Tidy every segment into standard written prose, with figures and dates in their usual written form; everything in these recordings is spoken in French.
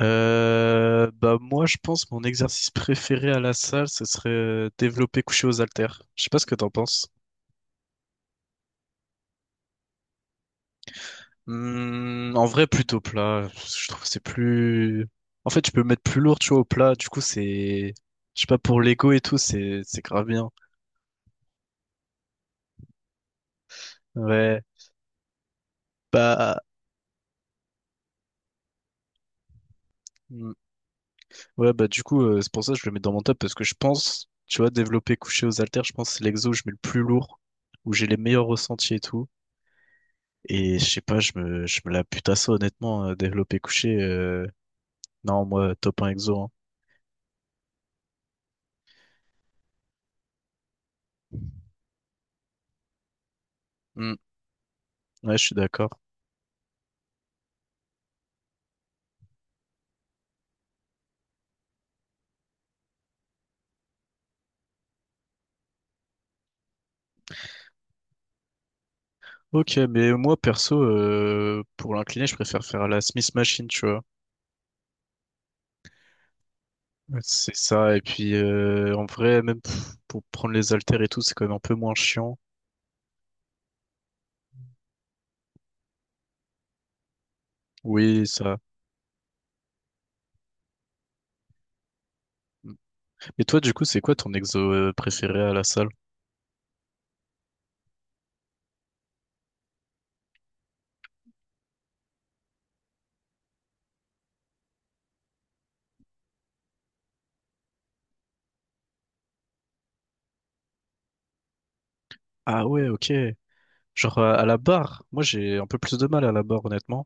Bah moi je pense mon exercice préféré à la salle ce serait développer couché aux haltères. Je sais pas ce que t'en penses. Hmm, en vrai plutôt plat. Je trouve que c'est plus. En fait je peux mettre plus lourd tu vois au plat. Du coup c'est. Je sais pas, pour l'ego et tout c'est grave bien. Ouais. Bah hmm. Ouais bah du coup, c'est pour ça que je le mets dans mon top parce que je pense, tu vois, développer couché aux haltères, je pense que c'est l'exo où je mets le plus lourd, où j'ai les meilleurs ressentis et tout. Et je sais pas, je me la bute à ça, honnêtement, développé couché. Non, moi, top un exo, hein. Hmm. Ouais, je suis d'accord. Ok, mais moi, perso, pour l'incliner, je préfère faire la Smith Machine, tu vois. Ouais, c'est ça, et puis en vrai, même pff, pour prendre les haltères et tout, c'est quand même un peu moins chiant. Oui, ça. Hmm. Et toi, du coup, c'est quoi ton exo préféré à la salle? Ah ouais, ok. Genre à la barre, moi j'ai un peu plus de mal à la barre, honnêtement.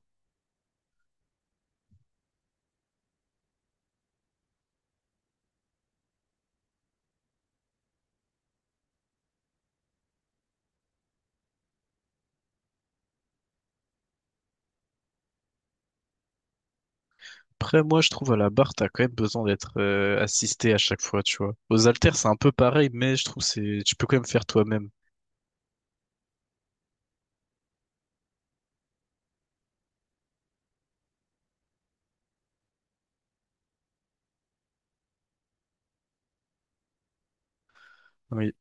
Après moi je trouve à la barre t'as quand même besoin d'être assisté à chaque fois, tu vois. Aux haltères c'est un peu pareil, mais je trouve c'est tu peux quand même faire toi-même. Oui.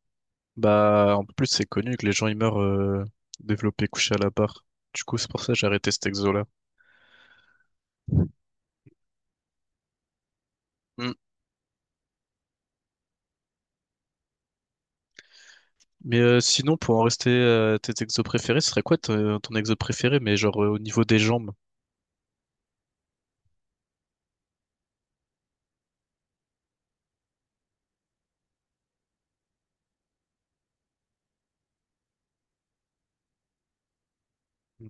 Bah en plus c'est connu que les gens ils meurent développés couchés à la barre. Du coup c'est pour ça que j'ai arrêté cet exo là. Mais sinon, pour en rester à tes exos préférés, ce serait quoi ton, ton exo préféré, mais genre au niveau des jambes?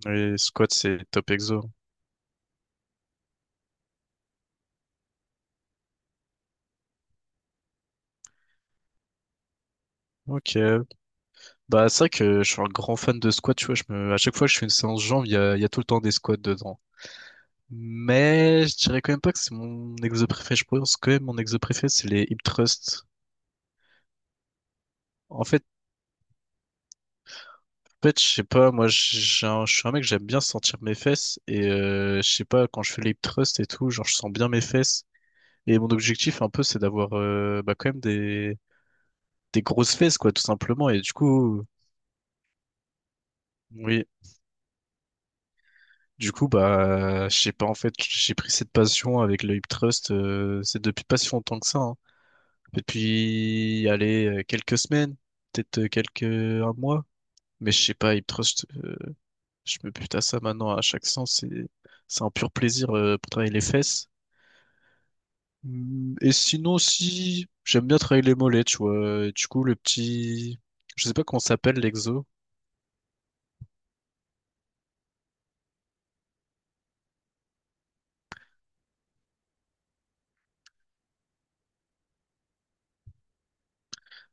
Les squats, c'est top exo. Ok. Bah, c'est vrai que je suis un grand fan de squats, tu vois. Je me... À chaque fois que je fais une séance jambes, il y a tout le temps des squats dedans. Mais je dirais quand même pas que c'est mon exo préféré. Je pense que mon exo préféré, c'est les hip thrusts. En fait, en fait, je sais pas, moi, je suis un mec, j'aime bien sentir mes fesses. Et je sais pas, quand je fais les hip thrusts et tout, genre, je sens bien mes fesses. Et mon objectif, un peu, c'est d'avoir bah, quand même des grosses fesses, quoi, tout simplement. Et du coup, oui, du coup, bah, je sais pas, en fait, j'ai pris cette passion avec le hip thrust, c'est depuis pas si longtemps que ça, hein. Depuis, allez, quelques semaines, peut-être quelques, un mois. Mais je sais pas, hip thrust, je me bute à ça maintenant à chaque sens. C'est un pur plaisir pour travailler les fesses. Hum. Et sinon, si, j'aime bien travailler les mollets, tu vois. Et du coup, le petit, je sais pas comment ça s'appelle l'exo.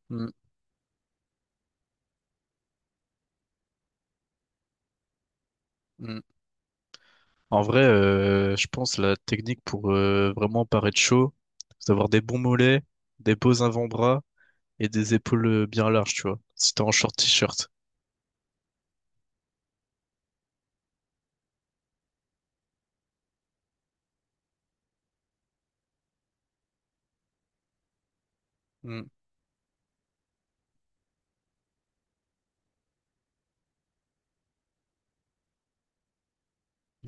Mm, mm. En vrai, je pense la technique pour vraiment paraître chaud, c'est d'avoir des bons mollets, des beaux avant-bras et des épaules bien larges, tu vois. Si t'es en short t-shirt. Mm.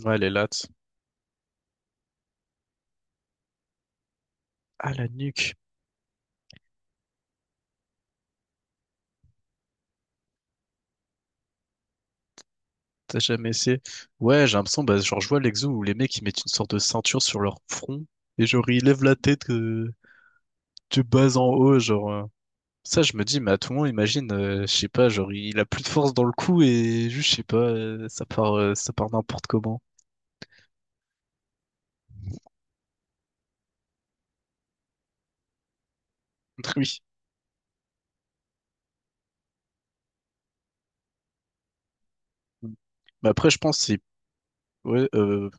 Ouais, les lats. Ah, la nuque. T'as jamais essayé? Ouais, j'ai l'impression, bah, genre, je vois l'exo où les mecs, ils mettent une sorte de ceinture sur leur front et genre, ils lèvent la tête de bas en haut, genre. Ça, je me dis, mais à tout moment, imagine, je sais pas, genre, il a plus de force dans le cou et juste, je sais pas, ça part n'importe comment. Oui. Mm. Mais après, je pense que c'est... Ouais,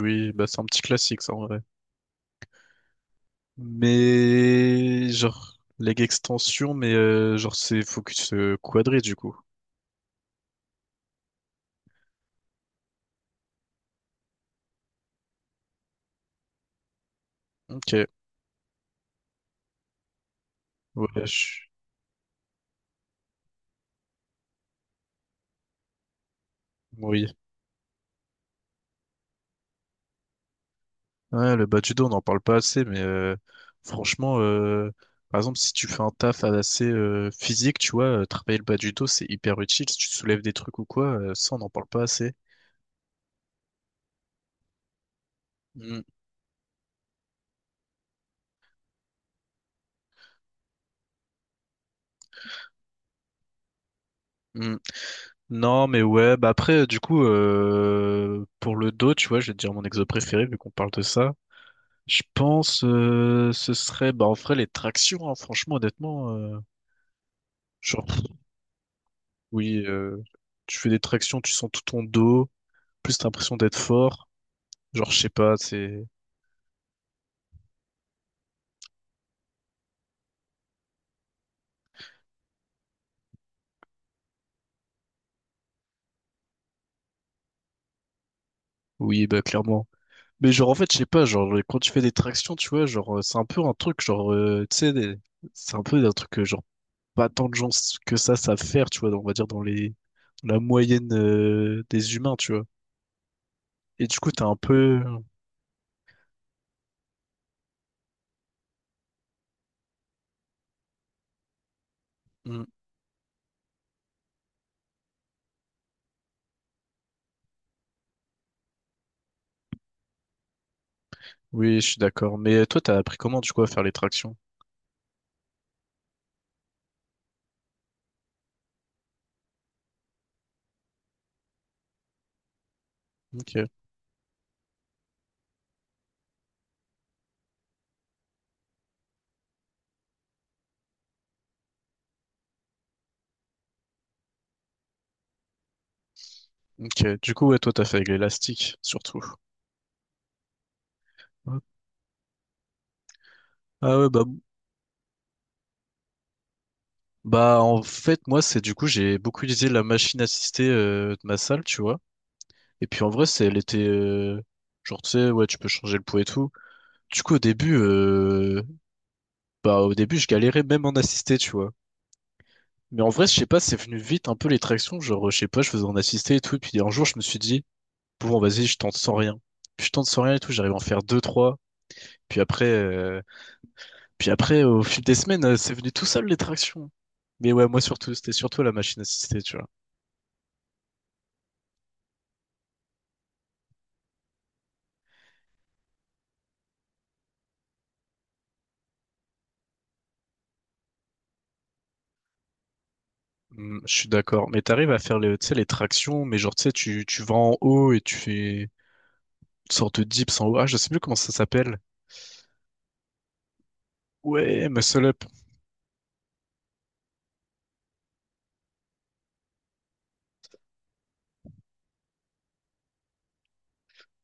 oui, bah, c'est un petit classique, ça, en vrai. Mais... Genre, leg extension, mais genre, c'est focus quadri, du coup. Ok. Ouais, je... Oui. Ouais, le bas du dos, on n'en parle pas assez, mais franchement, par exemple, si tu fais un taf assez physique, tu vois, travailler le bas du dos, c'est hyper utile. Si tu soulèves des trucs ou quoi, ça, on n'en parle pas assez. Mm, mm. Non, mais ouais, bah après, du coup, pour le dos, tu vois, je vais te dire mon exo préféré, vu qu'on parle de ça. Je pense, ce serait, bah, en vrai, les tractions, hein, franchement, honnêtement. Genre, pff, oui, tu fais des tractions, tu sens tout ton dos, plus t'as l'impression d'être fort, genre, je sais pas, c'est, oui, bah, clairement. Mais genre, en fait, je sais pas, genre, quand tu fais des tractions, tu vois, genre, c'est un peu un truc, genre, c'est un peu un truc, genre, pas tant de gens que ça savent faire, tu vois, on va dire dans les la moyenne des humains, tu vois. Et du coup, t'as un peu... Mm. Oui, je suis d'accord. Mais toi, t'as appris comment, du coup, à faire les tractions? Ok. Ok. Du coup, ouais, toi, t'as fait avec l'élastique, surtout. Ouais. Ah ouais, bah, bah, en fait, moi, c'est du coup, j'ai beaucoup utilisé la machine assistée de ma salle, tu vois. Et puis, en vrai, c'est, elle était... genre, tu sais, ouais, tu peux changer le poids et tout. Du coup, au début, bah, au début, je galérais même en assisté, tu vois. Mais en vrai, je sais pas, c'est venu vite un peu les tractions. Genre, je sais pas, je faisais en assisté et tout. Et puis un jour, je me suis dit, bon, vas-y, je tente sans rien. Puis je tente sans rien et tout. J'arrive à en faire deux, trois. Puis après, au fil des semaines, c'est venu tout seul les tractions. Mais ouais, moi surtout, c'était surtout la machine assistée, tu vois. Hmm, je suis d'accord. Mais t'arrives à faire les, tu sais, les tractions, mais genre, tu sais, tu vas en haut et tu fais une sorte de dips en haut. Ah, je sais plus comment ça s'appelle. Ouais, muscle up.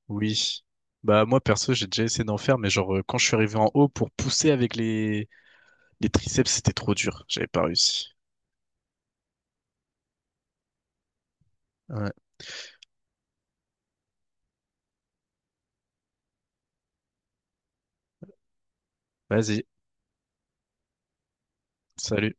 Oui. Bah, moi, perso, j'ai déjà essayé d'en faire, mais genre, quand je suis arrivé en haut pour pousser avec les triceps, c'était trop dur. J'avais pas réussi. Ouais. Vas-y, salut.